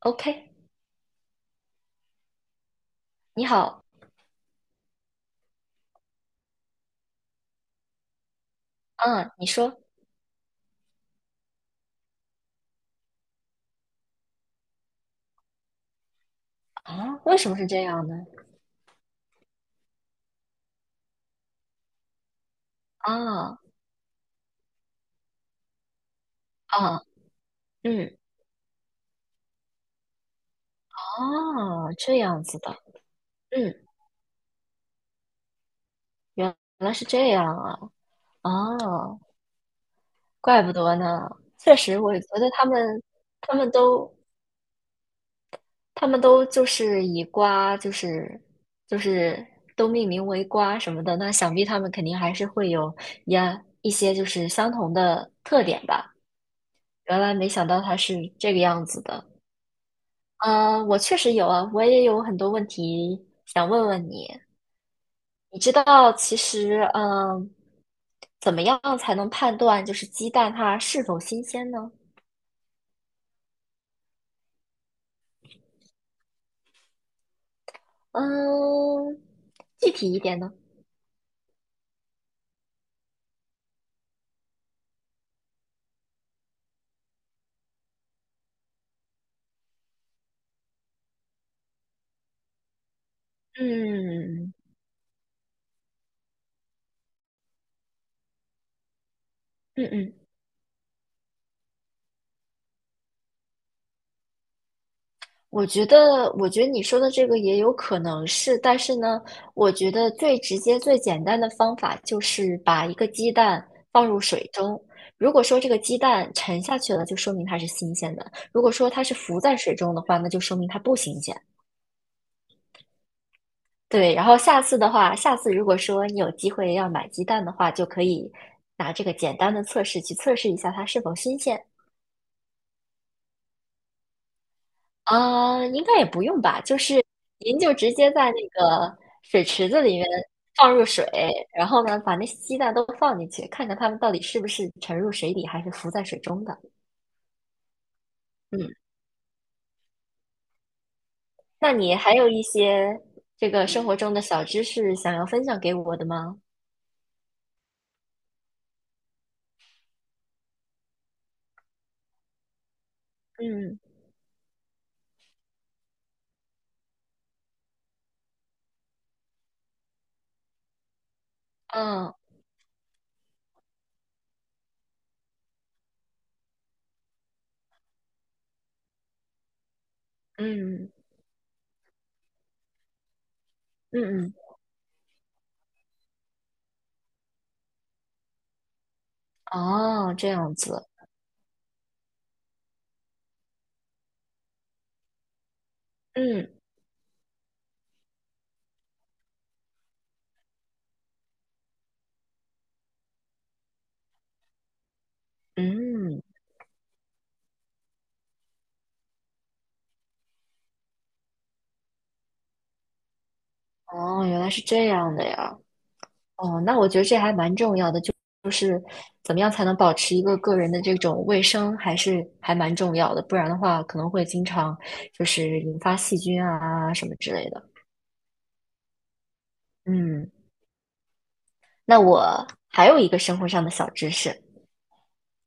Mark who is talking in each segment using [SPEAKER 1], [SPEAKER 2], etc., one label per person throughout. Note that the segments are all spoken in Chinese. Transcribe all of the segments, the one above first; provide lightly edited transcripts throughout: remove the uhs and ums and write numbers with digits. [SPEAKER 1] OK，你好，嗯，你说啊，为什么是这样呢？啊啊，嗯，哦，这样子的，嗯，原来是这样啊，哦，怪不得呢。确实，我觉得他们，他们都，他们都就是以瓜，就是就是都命名为瓜什么的，那想必他们肯定还是会有呀一些就是相同的特点吧。原来没想到它是这个样子的。嗯，我确实有啊，我也有很多问题想问问你。你知道，其实，怎么样才能判断就是鸡蛋它是否新鲜呢？嗯，具体一点呢？嗯嗯嗯，我觉得你说的这个也有可能是，但是呢，我觉得最直接、最简单的方法就是把一个鸡蛋放入水中。如果说这个鸡蛋沉下去了，就说明它是新鲜的；如果说它是浮在水中的话，那就说明它不新鲜。对，然后下次的话，下次如果说你有机会要买鸡蛋的话，就可以拿这个简单的测试去测试一下它是否新鲜。啊，应该也不用吧，就是您就直接在那个水池子里面放入水，然后呢，把那些鸡蛋都放进去，看看它们到底是不是沉入水底，还是浮在水中的。嗯，那你还有一些这个生活中的小知识想要分享给我的吗？嗯嗯嗯嗯嗯，哦，这样子，嗯嗯，哦，原来是这样的呀。哦，那我觉得这还蛮重要的，就是怎么样才能保持一个个人的这种卫生，还是还蛮重要的，不然的话可能会经常就是引发细菌啊什么之类的。嗯，那我还有一个生活上的小知识，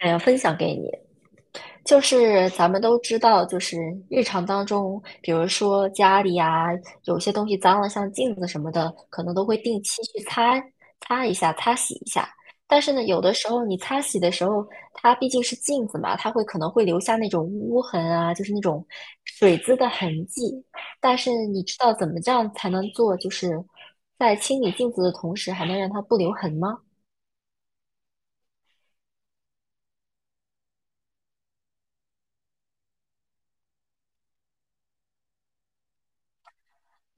[SPEAKER 1] 想要分享给你。就是咱们都知道，就是日常当中，比如说家里啊，有些东西脏了，像镜子什么的，可能都会定期去擦擦一下、擦洗一下。但是呢，有的时候你擦洗的时候，它毕竟是镜子嘛，它会可能会留下那种污痕啊，就是那种水渍的痕迹。但是你知道怎么这样才能做，就是在清理镜子的同时，还能让它不留痕吗？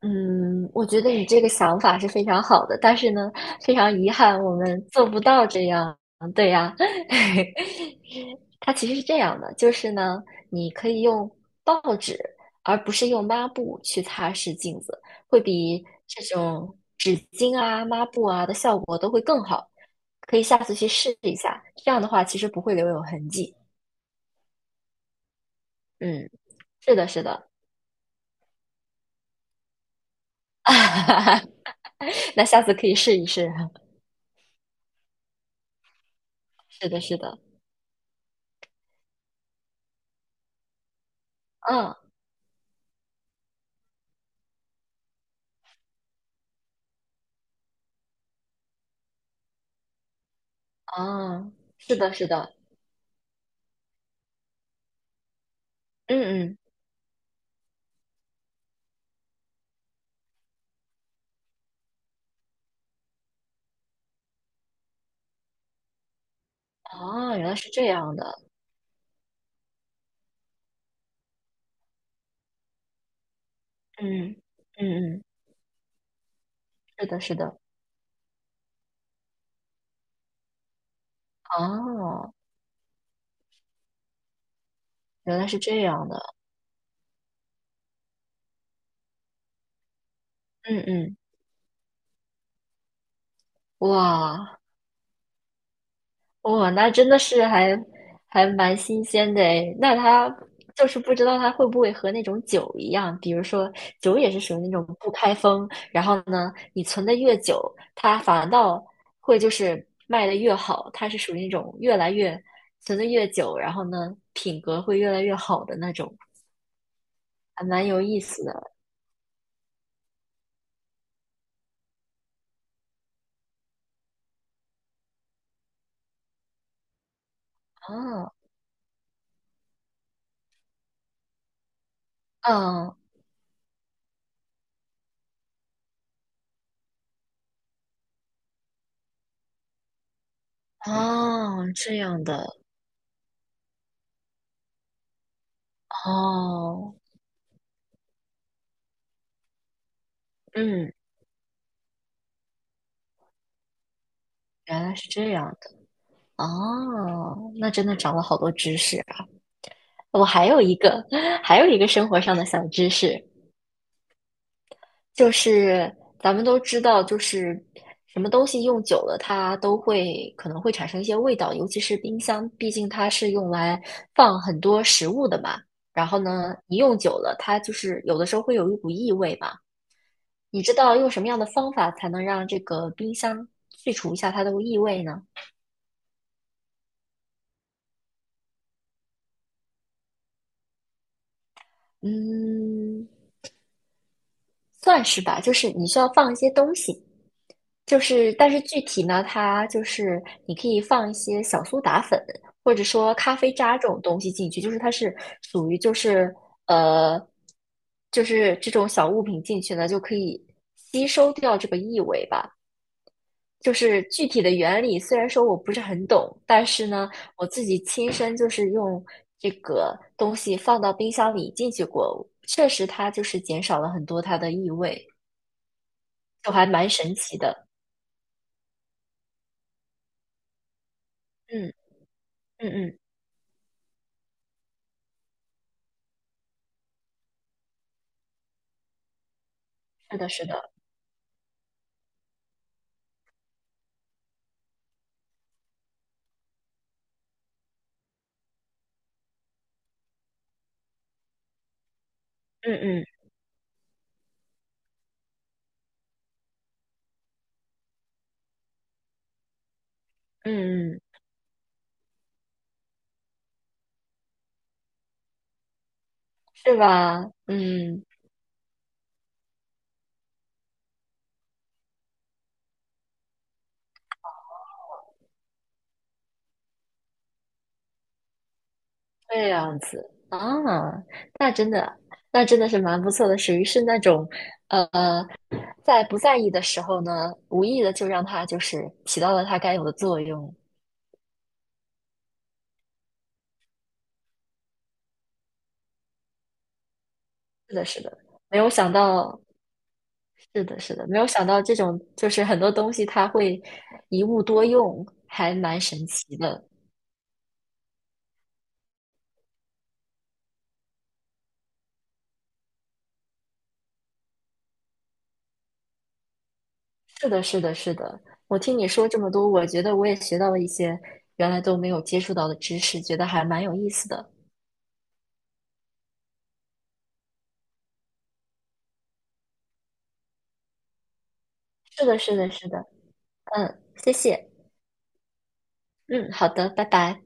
[SPEAKER 1] 嗯，我觉得你这个想法是非常好的，但是呢，非常遗憾，我们做不到这样。对呀，它其实是这样的，就是呢，你可以用报纸，而不是用抹布去擦拭镜子，会比这种纸巾啊、抹布啊的效果都会更好。可以下次去试一下，这样的话其实不会留有痕迹。嗯，是的，是的，那下次可以试一试。是的，是的，嗯。啊，是的，是的，嗯嗯，啊，原来是这样的，嗯嗯嗯，是的，是的，哦，原来是这样的，嗯嗯，哇，哇，那真的是还蛮新鲜的诶。那它就是不知道它会不会和那种酒一样，比如说酒也是属于那种不开封，然后呢，你存的越久，它反倒会就是卖的越好，它是属于那种越来越存的越久，然后呢，品格会越来越好的那种，还蛮有意思的啊。嗯，哦，这样的哦，嗯，原来是这样。哦，那真的长了好多知识啊。我还有一个，还有一个生活上的小知识，就是咱们都知道，就是什么东西用久了，它都会可能会产生一些味道，尤其是冰箱，毕竟它是用来放很多食物的嘛。然后呢，你用久了，它就是有的时候会有一股异味嘛。你知道用什么样的方法才能让这个冰箱去除一下它的异味呢？嗯，算是吧，就是你需要放一些东西。就是，但是具体呢，它就是你可以放一些小苏打粉，或者说咖啡渣这种东西进去，就是它是属于呃，就是这种小物品进去呢，就可以吸收掉这个异味吧。就是具体的原理，虽然说我不是很懂，但是呢，我自己亲身就是用这个东西放到冰箱里进去过，确实它就是减少了很多它的异味，就还蛮神奇的。嗯嗯嗯，是的，是的。嗯嗯嗯嗯，是吧？嗯，这样子啊，那真的，那真的是蛮不错的，属于是那种，呃，在不在意的时候呢，无意的就让它就是起到了它该有的作用。是的，是的，没有想到，是的，是的，没有想到这种就是很多东西它会一物多用，还蛮神奇的。是的，是的，是的。我听你说这么多，我觉得我也学到了一些原来都没有接触到的知识，觉得还蛮有意思的。是的，是的，是的。嗯，谢谢。嗯，好的，拜拜。